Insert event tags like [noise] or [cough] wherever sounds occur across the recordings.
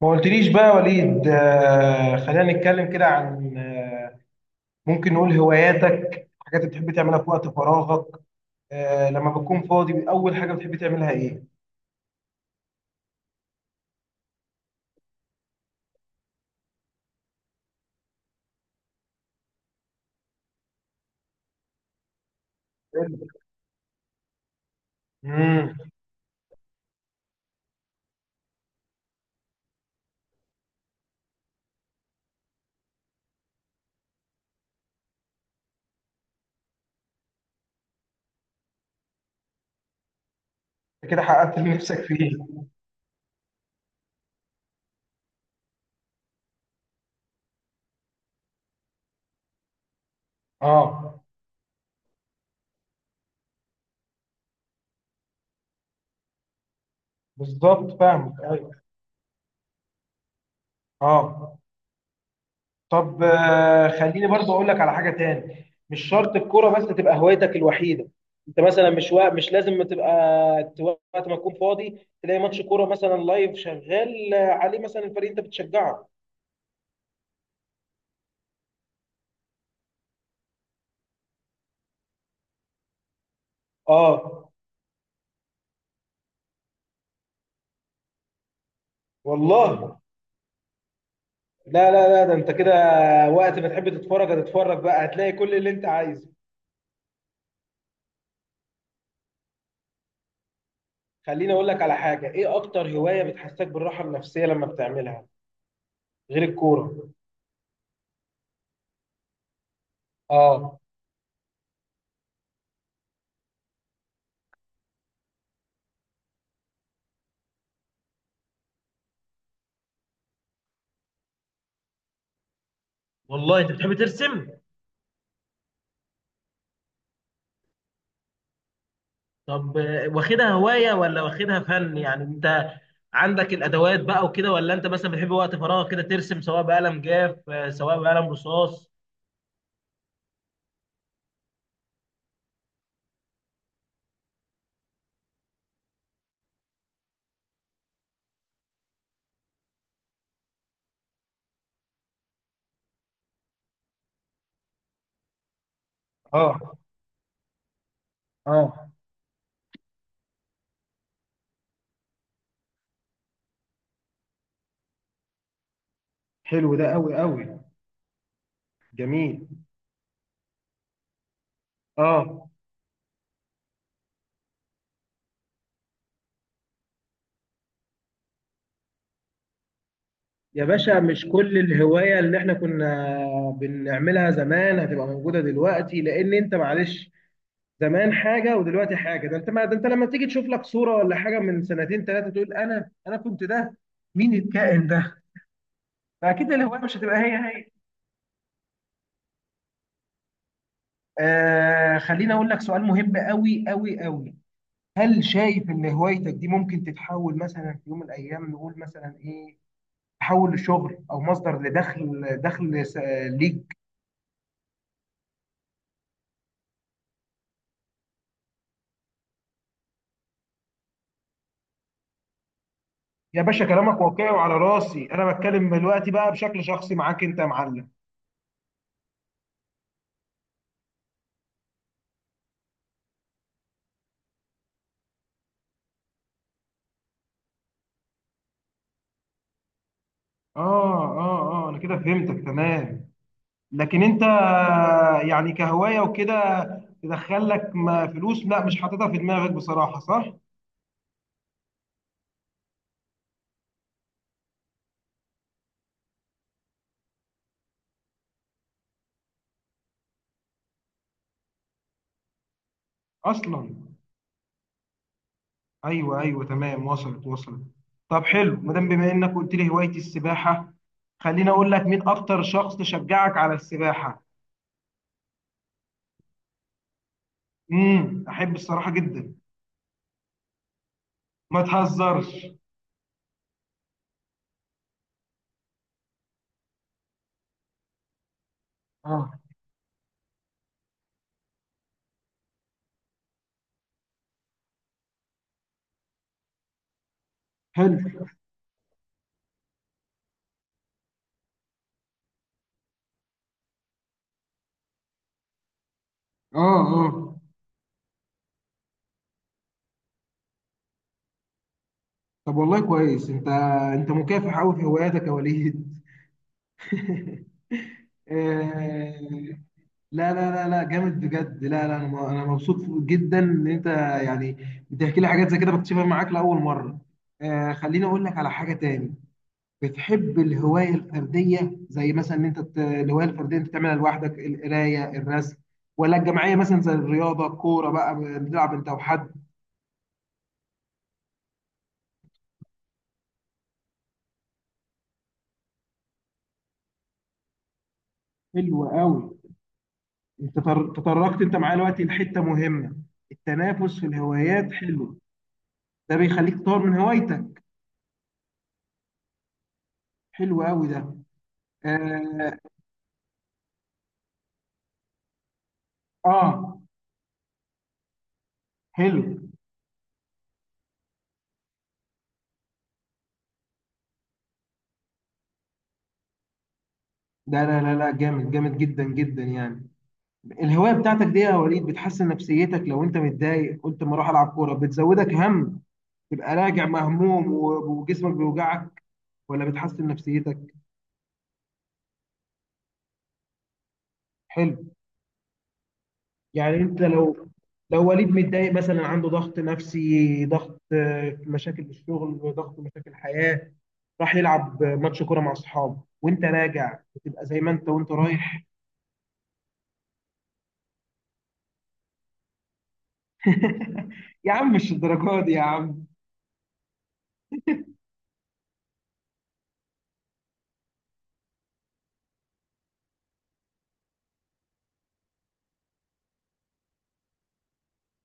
ما قلتليش بقى يا وليد، خلينا نتكلم كده عن ممكن نقول هواياتك، حاجات بتحب تعملها في وقت فراغك. لما بتكون فاضي، أول حاجة بتحب تعملها إيه؟ امم كده حققت اللي نفسك فيه. اه، بالظبط فاهمك، ايوه. اه. طب خليني برضه اقول لك على حاجه تاني، مش شرط الكوره بس تبقى هوايتك الوحيده. انت مثلا مش لازم تبقى، وقت ما تكون فاضي تلاقي ماتش كوره مثلا لايف شغال عليه، مثلا الفريق انت بتشجعه. اه. والله. لا، لا، لا، ده انت كده، وقت ما تحب تتفرج هتتفرج بقى، هتلاقي كل اللي انت عايزه. خليني اقول لك على حاجه، ايه اكتر هوايه بتحسسك بالراحه النفسيه لما بتعملها غير الكوره؟ اه. والله، انت بتحب ترسم؟ طب واخدها هواية ولا واخدها فن؟ يعني انت عندك الادوات بقى وكده، ولا انت مثلا بتحب وقت فراغ كده ترسم، سواء بقلم جاف سواء بقلم رصاص؟ اه، اه. حلو ده قوي قوي. جميل. اه. يا باشا، مش كل الهواية اللي احنا كنا بنعملها زمان هتبقى موجودة دلوقتي، لان انت معلش، زمان حاجة ودلوقتي حاجة. ده انت، ما ده انت لما تيجي تشوف لك صورة ولا حاجة من سنتين ثلاثة تقول انا كنت ده، مين الكائن ده؟ فاكيد الهواية مش هتبقى هي هي. خليني اقول لك سؤال مهم قوي قوي قوي. هل شايف ان هوايتك دي ممكن تتحول مثلا في يوم من الايام، نقول مثلا ايه، تحول لشغل او مصدر لدخل، ليك؟ يا باشا، كلامك واقعي وعلى راسي. انا بتكلم دلوقتي بقى بشكل شخصي معاك انت يا معلم. اه، اه، اه، انا كده فهمتك تمام. لكن انت، يعني كهواية وكده، تدخل لك فلوس، لا مش حاططها في دماغك بصراحة، صح؟ اصلا؟ ايوه، ايوه، تمام، وصلت وصلت. طب حلو، بما انك قلت لي هوايه السباحه، خليني اقول لك، مين اكتر شخص شجعك على السباحه؟ احب الصراحه جدا. ما تهزرش. اه، حلو. اه، اه. طب والله كويس، انت مكافح قوي في هواياتك يا وليد. [laughs] آه، لا، لا، لا، لا، جامد بجد. لا، لا، انا مبسوط جدا ان انت، يعني، بتحكي لي حاجات زي كده بكتشفها معاك لاول مره. خليني اقول لك على حاجه تاني. بتحب الهواية الفردية، زي مثلا ان انت الهواية الفردية انت تعملها لوحدك، القراية، الرسم، ولا الجماعية مثلا زي الرياضة، الكورة بقى بتلعب انت وحد؟ حلو قوي. انت تطرقت انت معايا دلوقتي لحتة مهمة. التنافس في الهوايات حلو. ده بيخليك تطور من هوايتك. حلو قوي ده. اه، آه، حلو ده. لا، لا، لا، جامد جامد جدا جدا يعني. الهواية بتاعتك دي يا وليد، بتحسن نفسيتك؟ لو انت متضايق قلت ما اروح العب كورة بتزودك هم، تبقى راجع مهموم وجسمك بيوجعك، ولا بتحسن نفسيتك؟ حلو. يعني انت لو وليد متضايق مثلا، عنده ضغط نفسي، ضغط مشاكل في الشغل، ضغط مشاكل حياة، راح يلعب ماتش كورة مع اصحابه، وانت راجع بتبقى زي ما انت وانت رايح. [laughs] يا عم، مش الدرجة دي يا عم.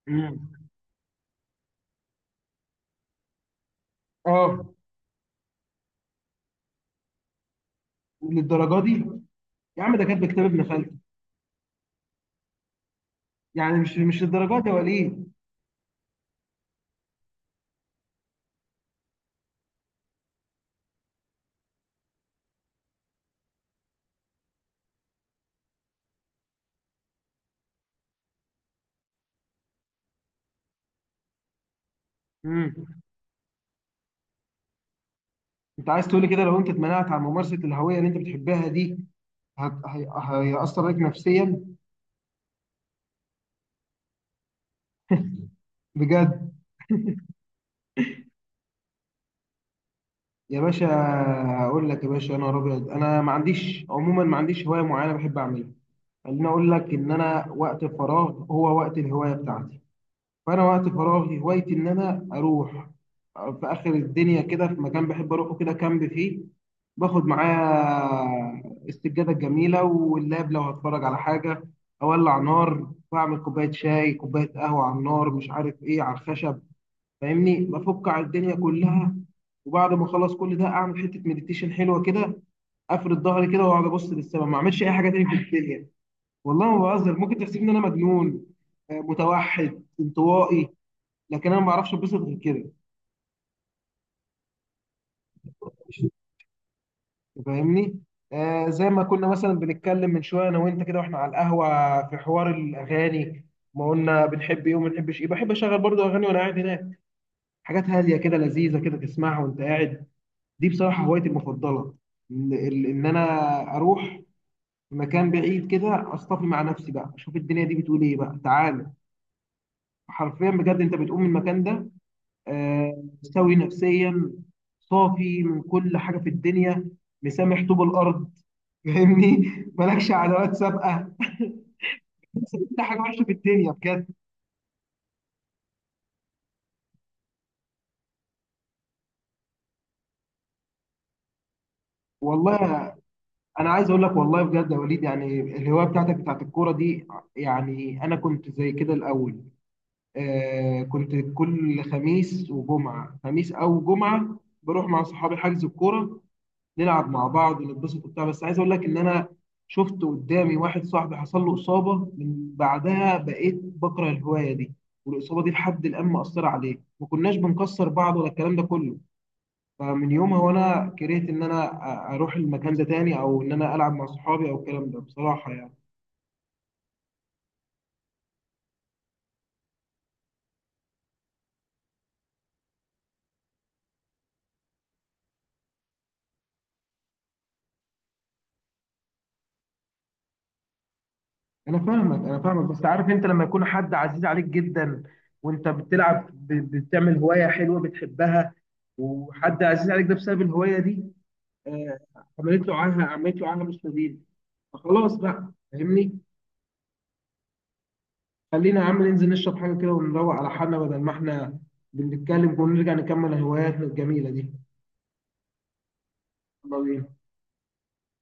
مم. اه، للدرجة دي؟ يا عم، ده كاتب كتاب ابن خالتي، يعني مش للدرجة دي يا وليد. مم. انت عايز تقولي كده لو انت اتمنعت عن ممارسة الهوية اللي انت بتحبها دي، هيأثر عليك نفسيا؟ بجد؟ يا باشا، هقول لك يا باشا. انا ابيض، انا ما عنديش عموما، ما عنديش هوايه معينه بحب اعملها. خليني اقول لك، ان انا وقت الفراغ هو وقت الهوايه بتاعتي. فانا وقت فراغي هوايتي ان انا اروح في اخر الدنيا كده، في مكان بحب اروحه كده، كامب فيه، باخد معايا السجاده الجميله واللاب لو هتفرج على حاجه، اولع نار، واعمل كوبايه شاي، كوبايه قهوه على النار، مش عارف ايه، على الخشب. فاهمني، بفك على الدنيا كلها. وبعد ما اخلص كل ده، اعمل حته مديتيشن حلوه كده، افرد ظهري كده واقعد ابص للسما، ما اعملش اي حاجه تاني في الدنيا. والله ما بهزر، ممكن تحسبني ان انا مجنون، متوحد، انطوائي، لكن انا ما بعرفش اتبسط غير كده. فاهمني. زي ما كنا مثلا بنتكلم من شويه انا وانت كده، واحنا على القهوه، في حوار الاغاني، ما قلنا بنحب ايه وما بنحبش ايه، بحب اشغل برضو اغاني وانا قاعد هناك، حاجات هاديه كده، لذيذه كده، تسمعها وانت قاعد. دي بصراحة هوايتي المفضلة، إن أنا أروح مكان بعيد كده، أصطفي مع نفسي بقى، أشوف الدنيا دي بتقول إيه بقى، تعالى. حرفيا بجد أنت بتقوم من المكان ده مستوي نفسيا، صافي من كل حاجة في الدنيا، مسامح طوب الأرض. [laughs] فاهمني، مالكش عداوات سابقة، بس كل حاجة وحشة في الدنيا بجد. والله، أنا عايز أقول لك والله بجد يا وليد، يعني الهواية بتاعتك بتاعت الكورة دي، يعني أنا كنت زي كده الأول، كنت كل خميس وجمعة، خميس أو جمعة، بروح مع صحابي حجز الكورة، نلعب مع بعض ونتبسط وبتاع. بس عايز أقول لك إن أنا شفت قدامي واحد صاحبي حصل له إصابة، من بعدها بقيت بكره الهواية دي. والإصابة دي لحد الآن مأثرة عليه، ما كناش بنكسر بعض ولا الكلام ده كله. فمن يومها وأنا كرهت إن أنا أروح المكان ده تاني، أو إن أنا ألعب مع صحابي، أو الكلام ده بصراحة يعني. انا فاهمك، انا فاهمك، بس عارف انت لما يكون حد عزيز عليك جدا، وانت بتلعب، بتعمل هوايه حلوه بتحبها، وحد عزيز عليك ده بسبب الهوايه دي، آه، عملت له عنها، عملت له عنها مستديل، فخلاص بقى، فاهمني. خلينا يا عم ننزل نشرب حاجه كده ونروق على حالنا، بدل ما احنا بنتكلم، ونرجع نكمل هواياتنا الجميله دي. يلا بينا.